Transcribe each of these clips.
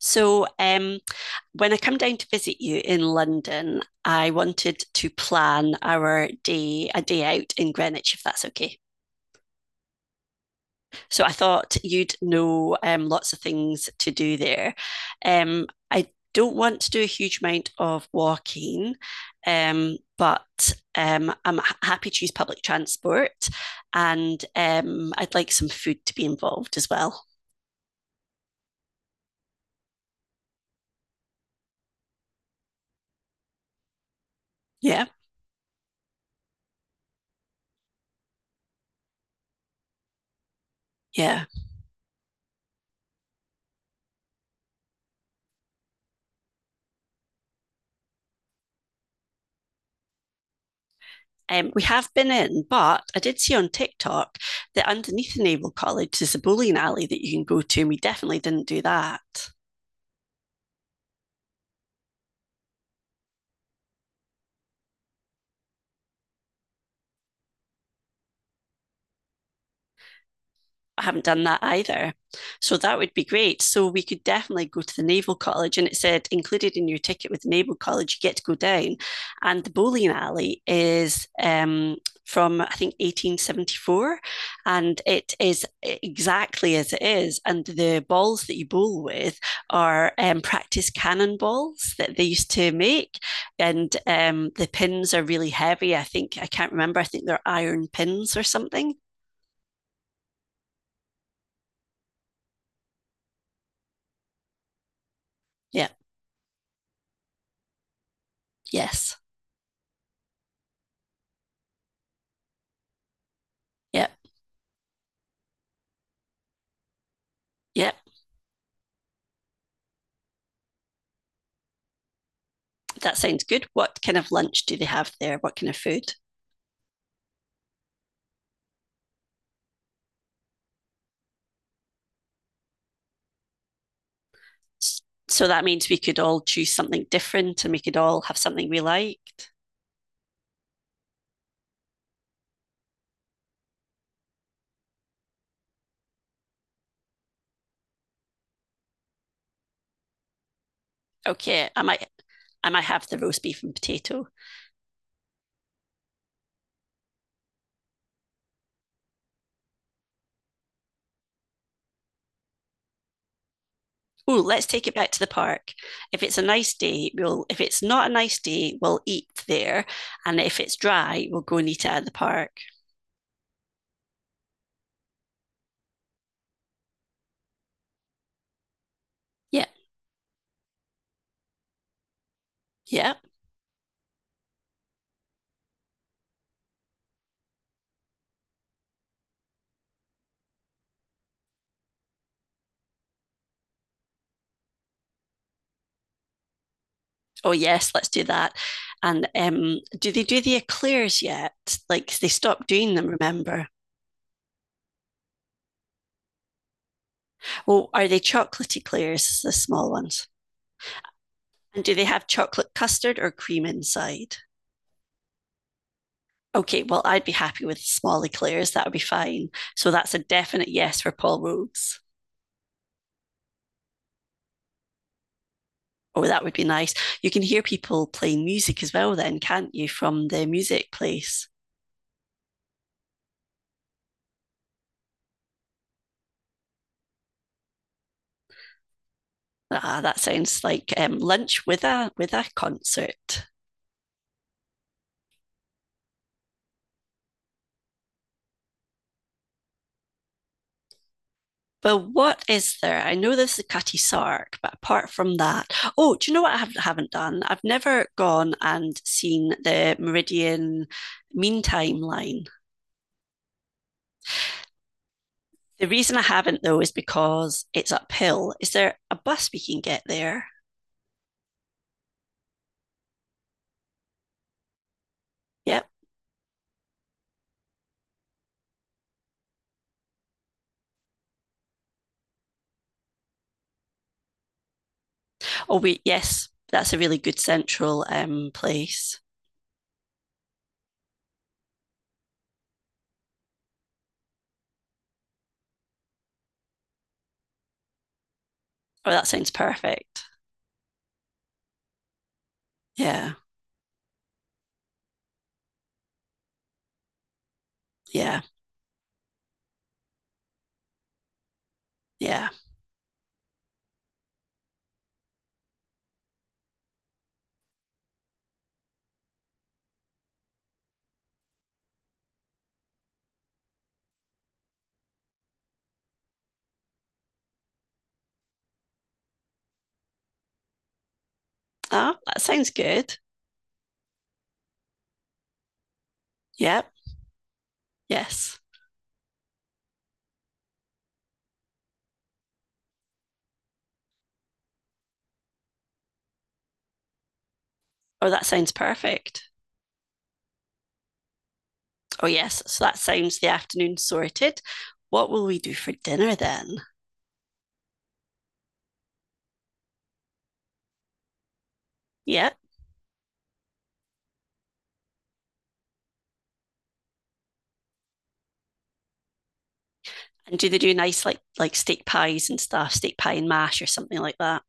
So, um, when I come down to visit you in London, I wanted to plan our day, a day out in Greenwich, if that's okay. So, I thought you'd know lots of things to do there. I don't want to do a huge amount of walking, but I'm happy to use public transport and I'd like some food to be involved as well. Yeah, yeah. We have been in, but I did see on TikTok that underneath the Naval College is a bowling alley that you can go to, and we definitely didn't do that. I haven't done that either. So that would be great. So we could definitely go to the Naval College. And it said included in your ticket with the Naval College, you get to go down. And the bowling alley is from, I think, 1874. And it is exactly as it is. And the balls that you bowl with are practice cannon balls that they used to make. And the pins are really heavy. I think, I can't remember. I think they're iron pins or something. Yeah. Yes. Yeah. Yep, that sounds good. What kind of lunch do they have there? What kind of food? So that means we could all choose something different and we could all have something we liked. Okay, I might have the roast beef and potato. Oh, let's take it back to the park. If it's a nice day, we'll if it's not a nice day, we'll eat there. And if it's dry, we'll go and eat it at the park. Yeah, yeah. Oh yes, let's do that. And do they do the eclairs yet? Like they stopped doing them, remember? Well, are they chocolate eclairs, the small ones? And do they have chocolate custard or cream inside? Okay, well, I'd be happy with small eclairs. That would be fine. So that's a definite yes for Paul Rhodes. Oh, that would be nice. You can hear people playing music as well, then, can't you, from the music place? Ah, that sounds like lunch with a concert. But what is there? I know there's the Cutty Sark, but apart from that, oh, do you know what I have, haven't done? I've never gone and seen the Meridian Meantime line. The reason I haven't though is because it's uphill. Is there a bus we can get there? Yep. Oh wait, yes, that's a really good central place. Oh, that sounds perfect. Yeah, yeah, yeah. Ah, that sounds good. Yep. Yes. Oh, that sounds perfect. Oh, yes. So that sounds the afternoon sorted. What will we do for dinner then? Yeah. And do they do nice like steak pies and stuff, steak pie and mash or something like that?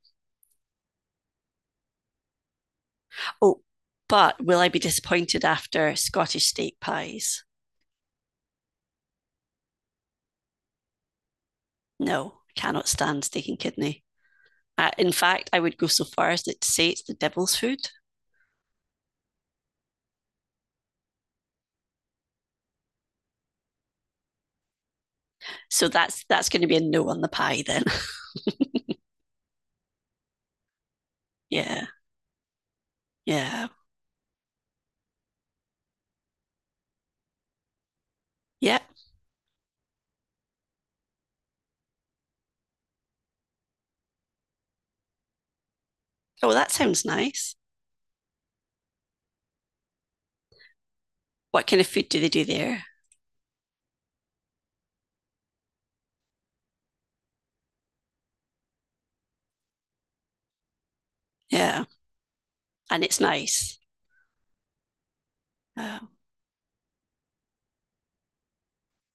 Oh, but will I be disappointed after Scottish steak pies? No, cannot stand steak and kidney. In fact, I would go so far as to say it's the devil's food. So that's going to be a no on the pie then. yeah, yeah, yeah. Oh, that sounds nice. What kind of food do they do there? Yeah, and it's nice. Um,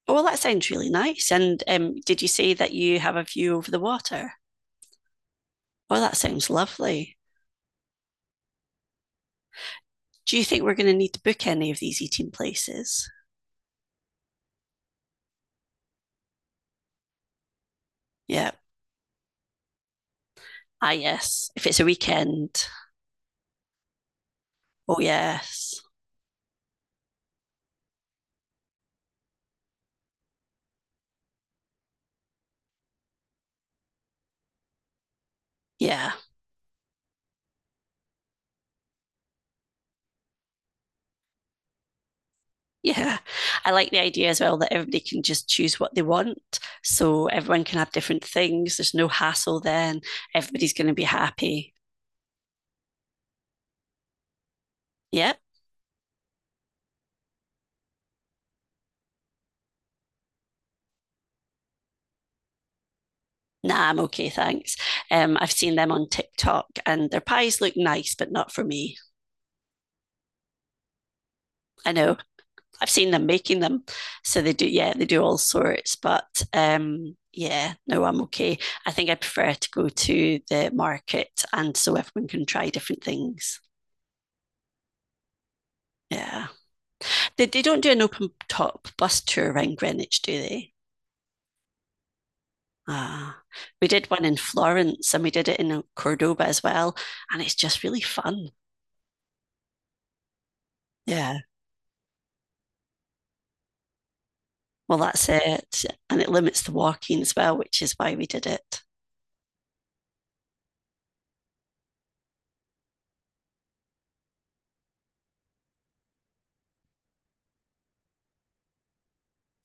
Oh, well, that sounds really nice. And did you say that you have a view over the water? Oh, that sounds lovely. Do you think we're going to need to book any of these eating places? Yeah. Ah, yes. If it's a weekend. Oh, yes. Yeah. Yeah. I like the idea as well that everybody can just choose what they want. So everyone can have different things. There's no hassle then. Everybody's going to be happy. Yep. Yeah. Nah, I'm okay, thanks. I've seen them on TikTok and their pies look nice, but not for me. I know I've seen them making them. So they do, yeah, they do all sorts. But yeah, no, I'm okay. I think I prefer to go to the market, and so everyone can try different things. Yeah, they don't do an open top bus tour around Greenwich, do they? Ah, we did one in Florence, and we did it in Cordoba as well, and it's just really fun. Yeah. Well, that's it. And it limits the walking as well, which is why we did it.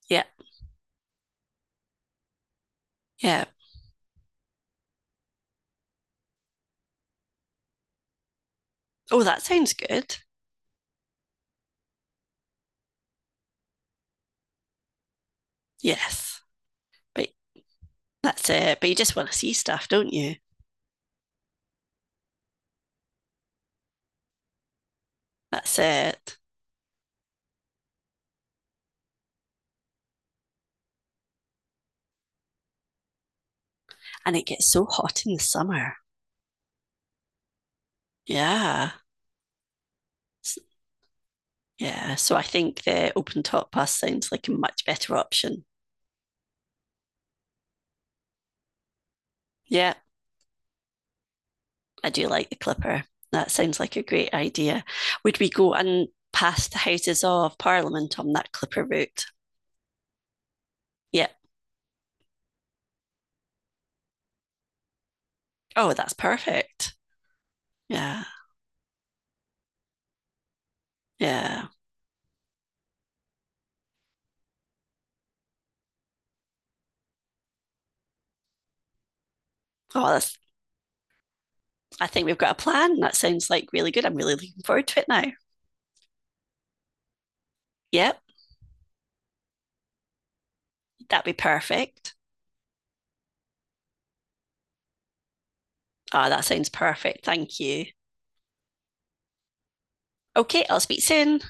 Yeah. Yeah. Oh, that sounds good. Yes. But that's it. But you just want to see stuff, don't you? That's it. And it gets so hot in the summer. Yeah. Yeah. So I think the open top bus sounds like a much better option. Yeah. I do like the Clipper. That sounds like a great idea. Would we go and pass the Houses of Parliament on that Clipper route? Yeah. Oh, that's perfect. Yeah. Yeah. Oh, that's, I think we've got a plan. That sounds like really good. I'm really looking forward to it now. Yep. That'd be perfect. Ah, that sounds perfect. Thank you. Okay, I'll speak soon.